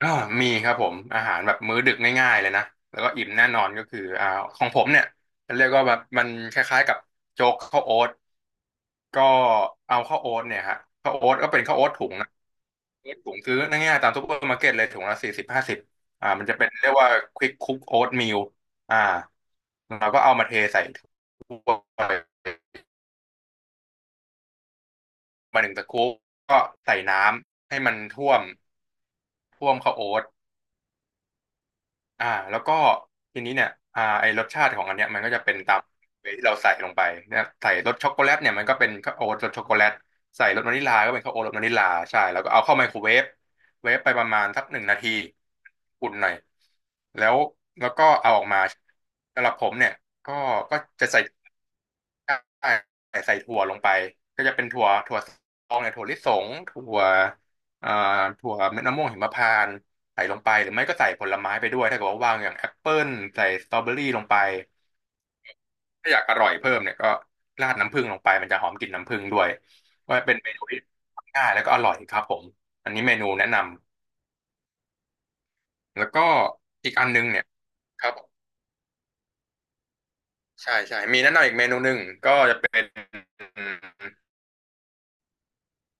อ่ามีครับผมอาหารแบบมื้อดึกง่ายๆเลยนะแล้วก็อิ่มแน่นอนก็คือของผมเนี่ยเรียกว่าแบบมันคล้ายๆกับโจ๊กข้าวโอ๊ตก็เอาข้าวโอ๊ตเนี่ยฮะข้าวโอ๊ตก็เป็นข้าวโอ๊ตถุงนะข้าวโอ๊ตถุงซื้อง่ายๆตามซุปเปอร์มาร์เก็ตเลยถุงละ40-50มันจะเป็นเรียกว่าควิกคุกโอ๊ตมิลอ่าเราก็เอามาเทใส่ถ้วยมาหนึ่งตะคุ่มก็ใส่น้ำให้มันท่วมท่วมข้าวโอ๊ต แล้วก็ทีนี้เนี่ยไอรสชาติของอันเนี้ยมันก็จะเป็นตามเวที่เราใส่ลงไปเนี่ยใส่รสช็อกโกแลตเนี่ยมันก็เป็นข้าวโอ๊ตรสช็อกโกแลตใส่รสวานิลลาก็เป็นข้าวโอ๊ตรสวานิลลาใช่แล้วก็เอาเข้าไมโครเวฟเวฟไปประมาณสัก1 นาทีอุ่นหน่อยแล้วแล้วก็เอาออกมาสำหรับผมเนี่ยก็ก็จะใส่ใส่ถั่วลงไปก็จะเป็นถั่วซองเนี่ยถั่วลิสงอ่าถั่วเม็ดมะม่วงหิมพานต์ใส่ลงไปหรือไม่ก็ใส่ผลไม้ไปด้วยถ้าเกิดว่าว่างอย่างแอปเปิลใส่สตรอเบอรี่ลงไปถ้าอยากอร่อยเพิ่มเนี่ยก็ราดน้ำผึ้งลงไปมันจะหอมกลิ่นน้ำผึ้งด้วยว่าเป็นเมนูที่ทำง่ายแล้วก็อร่อยครับผมอันนี้เมนูแนะนำแล้วก็อีกอันนึงเนี่ยครับผมใช่ใช่มีแนะนำอีกเมนูหนึ่งก็จะเป็น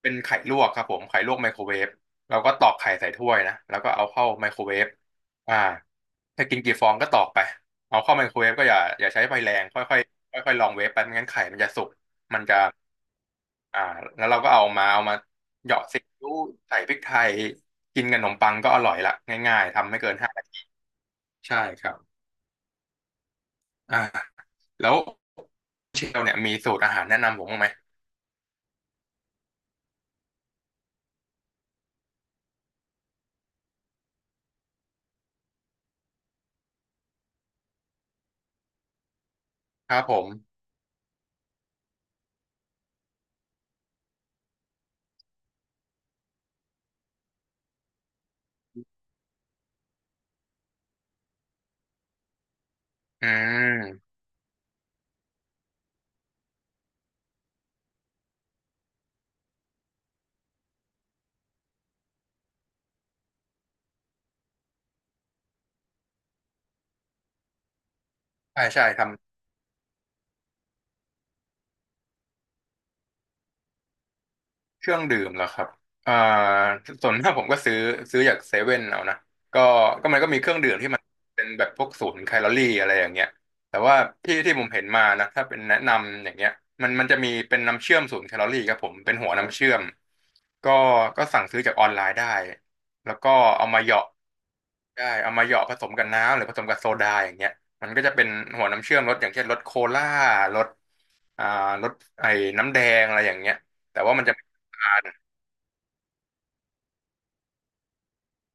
เป็นไข่ลวกครับผมไข่ลวกไมโครเวฟเราก็ตอกไข่ใส่ถ้วยนะแล้วก็เอาเข้าไมโครเวฟอ่าถ้ากินกี่ฟองก็ตอกไปเอาเข้าไมโครเวฟก็อย่าใช้ไฟแรงค่อยค่อยค่อยค่อยลองเวฟไปไม่งั้นไข่มันจะสุกมันจะอ่าแล้วเราก็เอามาเหยาะซีอิ๊วใส่พริกไทยกินกับขนมปังก็อร่อยละง่ายๆทำไม่เกินห้านาทีใช่ครับอ่าแล้วเชลเนี่ยมีสูตรอาหารแนะนำผมบ้างไหมครับผมอืมใช่ใช่เครื่องดื่มเหรอครับอ่าส่วนมากผมก็ซื้อจากเซเว่นเอานะก็ก็มันก็มีเครื่องดื่มที่มันเป็นแบบพวกศูนย์แคลอรี่อะไรอย่างเงี้ยแต่ว่าที่ที่ผมเห็นมานะถ้าเป็นแนะนำอย่างเงี้ยมันจะมีเป็นน้ำเชื่อมศูนย์แคลอรี่ครับผมเป็นหัวน้ำเชื่อมก็ก็สั่งซื้อจากออนไลน์ได้แล้วก็เอามาเหยาะเอามาเหยาะผสมกับน้ำหรือผสมกับโซดาอย่างเงี้ยมันก็จะเป็นหัวน้ำเชื่อมรสอย่างเช่นรสโคล่ารสอ่ารสไอ้น้ำแดงอะไรอย่างเงี้ยแต่ว่ามันจะไม่หวาน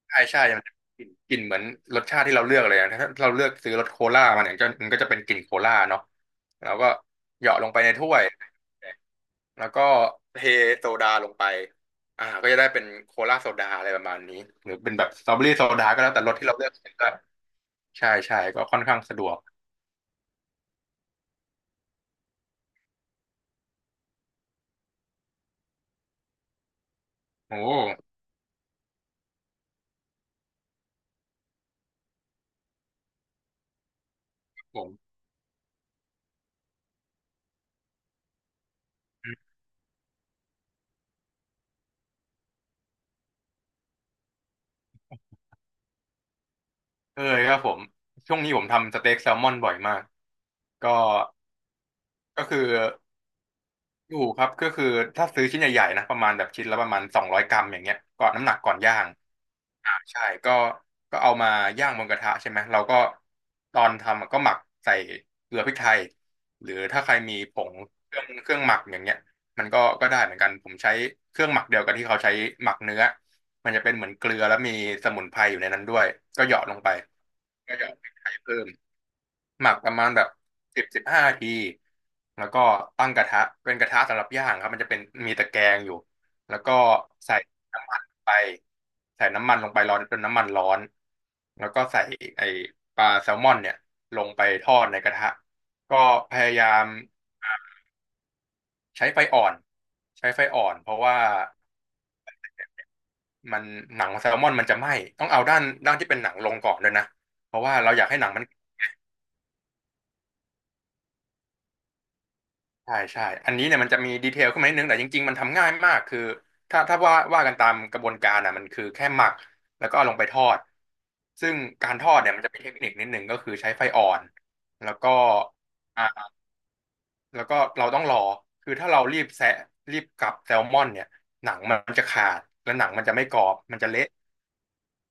ใช่ใช่มันจะกลิ่นเหมือนรสชาติที่เราเลือกเลยนะถ้าเราเลือกซื้อรสโคล่ามาเนี่ยก็มันก็จะเป็นกลิ่นโคล่าเนาะแล้วก็เหยาะลงไปในถ้วยแล้วก็เทโซดาลงไปก็จะได้เป็นโคลาโซดาอะไรประมาณนี้หรือเป็นแบบสตรอเบอรี่โซดาก็แล้วแต่รสที่เราเลือกก็ใช่ใช่ก็ค่อนข้างสะดวกโอ้ผมเคยครับผมช่วงนี้ผมทำสเต็กแซลมอนบ่อยมากก็ก็คือ อยู่ครับก็คือถ้าซื้อชิ้นใหญ่ๆนะประมาณแบบชิ้นละประมาณ200 กรัมอย่างเงี้ยก่อนน้ำหนักก่อนย่างใช่ก็เอามาย่างบนกระทะใช่ไหมเราก็ตอนทำอะก็หมักใส่เกลือพริกไทยหรือถ้าใครมีผงเครื่องหมักอย่างเงี้ยมันก็ได้เหมือนกันผมใช้เครื่องหมักเดียวกับที่เขาใช้หมักเนื้อมันจะเป็นเหมือนเกลือแล้วมีสมุนไพรอยู่ในนั้นด้วยก็เหยาะลงไปก็เหยาะพริกไทยเพิ่ม หมักประมาณแบบ10-15 นาทีแล้วก็ตั้งกระทะเป็นกระทะสำหรับย่างครับมันจะเป็นมีตะแกรงอยู่แล้วก็ใส่น้ำมันไปใส่น้ำมันลงไปร้อนจนน้ำมันร้อนแล้วก็ใส่ไอ้ปลาแซลมอนเนี่ยลงไปทอดในกระทะก็พยายามใช้ไฟอ่อนใช้ไฟอ่อนเพราะว่ามันหนังแซลมอนมันจะไหม้ต้องเอาด้านที่เป็นหนังลงก่อนด้วยนะเพราะว่าเราอยากให้หนังมัน ใช่ใช่อันนี้เนี่ยมันจะมีดีเทลขึ้นมานิดนึงแต่จริงๆมันทำง่ายมากคือถ้าว่ากันตามกระบวนการอ่ะมันคือแค่หมักแล้วก็เอาลงไปทอดซึ่งการทอดเนี่ยมันจะมีเทคนิคนิดนึงก็คือใช้ไฟอ่อนแล้วก็อ่าแล้วก็เราต้องรอคือถ้าเรารีบแซะรีบกลับแซลมอนเนี่ยหนังมันจะขาดและหนังมันจะไม่กรอบมันจะเละ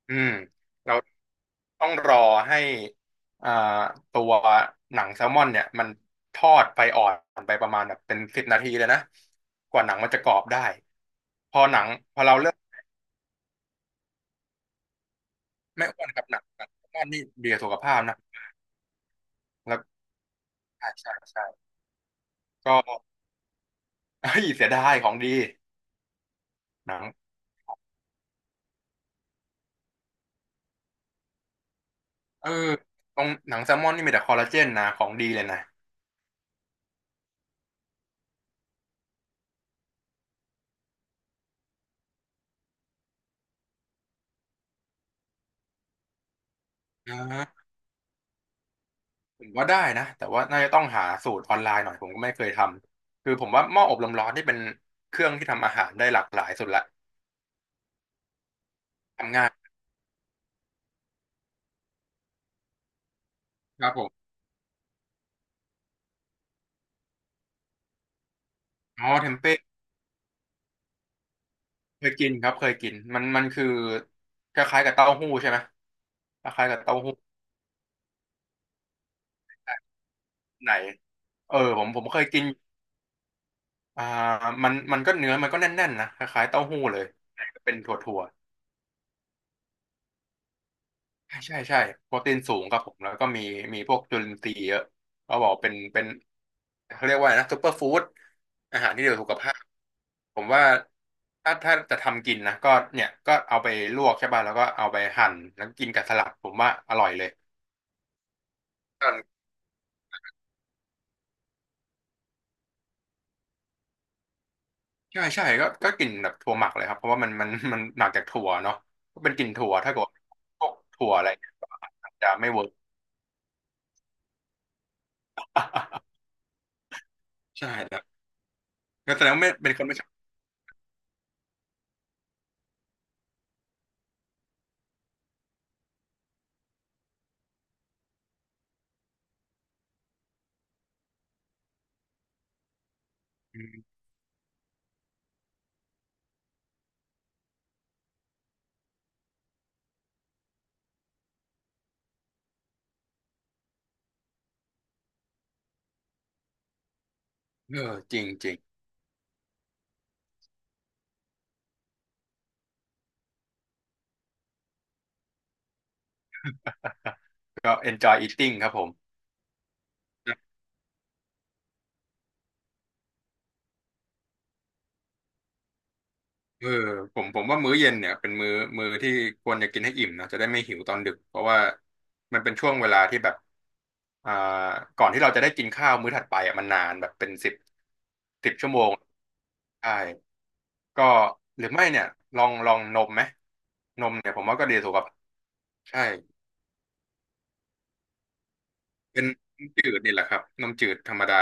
อืมเรา ต้องรอให้อ่าตัวหนังแซลมอนเนี่ยมันทอดไฟอ่อนไปประมาณแบบเป็น10 นาทีเลยนะกว่าหนังมันจะกรอบได้พอหนังพอเราเริ่มไม่อ้วนกับหนังกับแซลมอนนี่ดีกับสุขภาพนะแล้วใช่ใช่ใช่ก็เฮ้ยเสียดายของดีหนังเออตรงหนังแซลมอนนี่มีแต่คอลลาเจนนะของดีเลยนะอ่าผมว่าได้นะแต่ว่าน่าจะต้องหาสูตรออนไลน์หน่อยผมก็ไม่เคยทำคือผมว่าหม้ออบลมร้อนนี่เป็นเครื่องที่ทำอาหารได้หลากหลายสุดละ ทำง่ายครับผมอ๋อเทมเป้เคยกินครับเคยกินมันคือคล้ายๆกับเต้าหู้ใช่ไหมคล้ายๆกับเต้าหู้ไหนเออผมเคยกินอ่ามันก็เนื้อมันก็แน่นๆนะคล้ายๆเต้าหู้เลยเป็นถั่วๆใช่ใช่ใช่โปรตีนสูงครับผมแล้วก็มีพวกจุลินทรีย์เยอะเขาบอกเป็นเขาเรียกว่าอะไรนะซุปเปอร์ฟู้ดอาหารที่ดีต่อสุขภาพผมว่าถ้าจะทำกินนะก็เนี่ยก็เอาไปลวกใช่ป่ะแล้วก็เอาไปหั่นแล้วกินกับสลัดผมว่าอร่อยเลย กันใช่ใช่ก็กลิ่นแบบถั่วหมักเลยครับเพราะว่ามันมัน มันหมักจากถั่วเนาะก็เป็นกลิ่นถั่วถ้าเกิดว่าพวกถั่วอะไรเนี่ยก็อาจจะไม่เวิร์ก ใช่ครับก็แสดงว่าไม่เป็นคนไม่ชอบอืมเออจริงจริงก็ enjoy eating ครับผม เออผมว่ามื้อเย็นเนี่ยเป็นมื้อที่ควรจะกินให้อิ่มนะจะได้ไม่หิวตอนดึกเพราะว่ามันเป็นช่วงเวลาที่แบบอ่าก่อนที่เราจะได้กินข้าวมื้อถัดไปอ่ะมันนานแบบเป็นสิบชั่วโมงใช่ก็หรือไม่เนี่ยลองนมไหมนมเนี่ยผมว่าก็ดีสุขภาพใช่ เป็นน้ำจืดนี่แหละครับนมจืดธรรมดา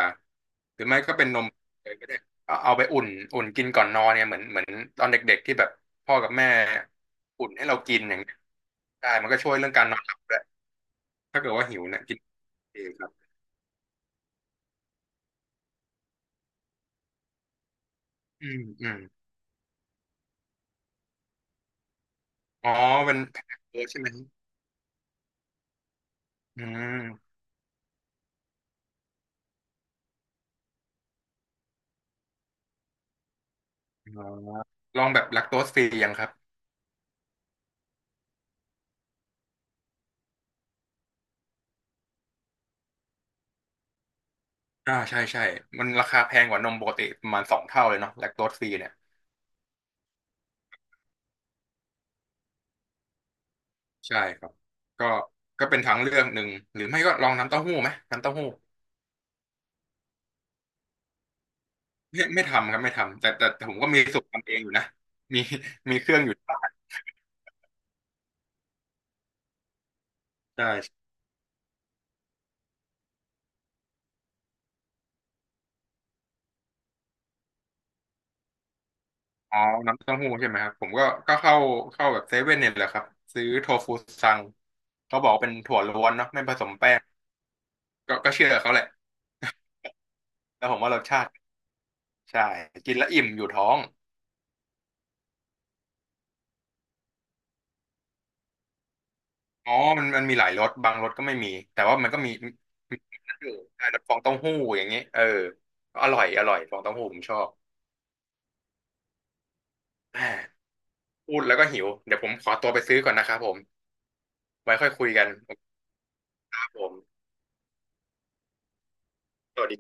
หรือไม่ก็เป็นนมเลยก็ได้เอาไปอุ่นกินก่อนนอนเนี่ยเหมือนตอนเด็กๆที่แบบพ่อกับแม่อุ่นให้เรากินอย่างเงี้ยได้มันก็ช่วยเรื่องการนอนหลับด้วยถ้าเกิดว่าหิวเนี่ยกินเองครับอืมอืมอ๋อเป็นแพคเกจใช่ไหมอืมอ๋อลองแบบแลคโตสฟรียังครับอ่าใช่ใช่มันราคาแพงกว่านมปกติประมาณ2 เท่าเลยเนาะแลคโตสฟรีเนี่ย ใช่ครับก็ก็เป็นทางเลือกหนึ่งหรือไม่ก็ลองน้ำเต้าหู้ไหมน้ำเต้าหู้ไม่ทำครับไม่ทำแต่ผมก็มีสูตรทำเองอยู่นะมีมีเครื่องอยู่ที่บ้านใช่อ๋อน้ำเต้าหู้ใช่ไหมครับผมก็เข้าแบบเซเว่นเนี่ยแหละครับซื้อโทฟูซังเขาบอกเป็นถั่วล้วนเนาะไม่ผสมแป้งก็เชื่อเขาแหละแล้วผมว่ารสชาติใช่กินแล้วอิ่มอยู่ท้อง อ๋อมันมีหลายรสบางรสก็ไม่มีแต่ว่ามันก็มีอยู่รสฟองเต้าหู้อย่างเงี้ยเอออร่อยอร่อยฟองเต้าหู้ผมชอบ แหม่พูดแล้วก็หิวเดี๋ยวผมขอตัวไปซื้อก่อนนะครับผมไว้ค่อยคุยกันครับผมสวัสดี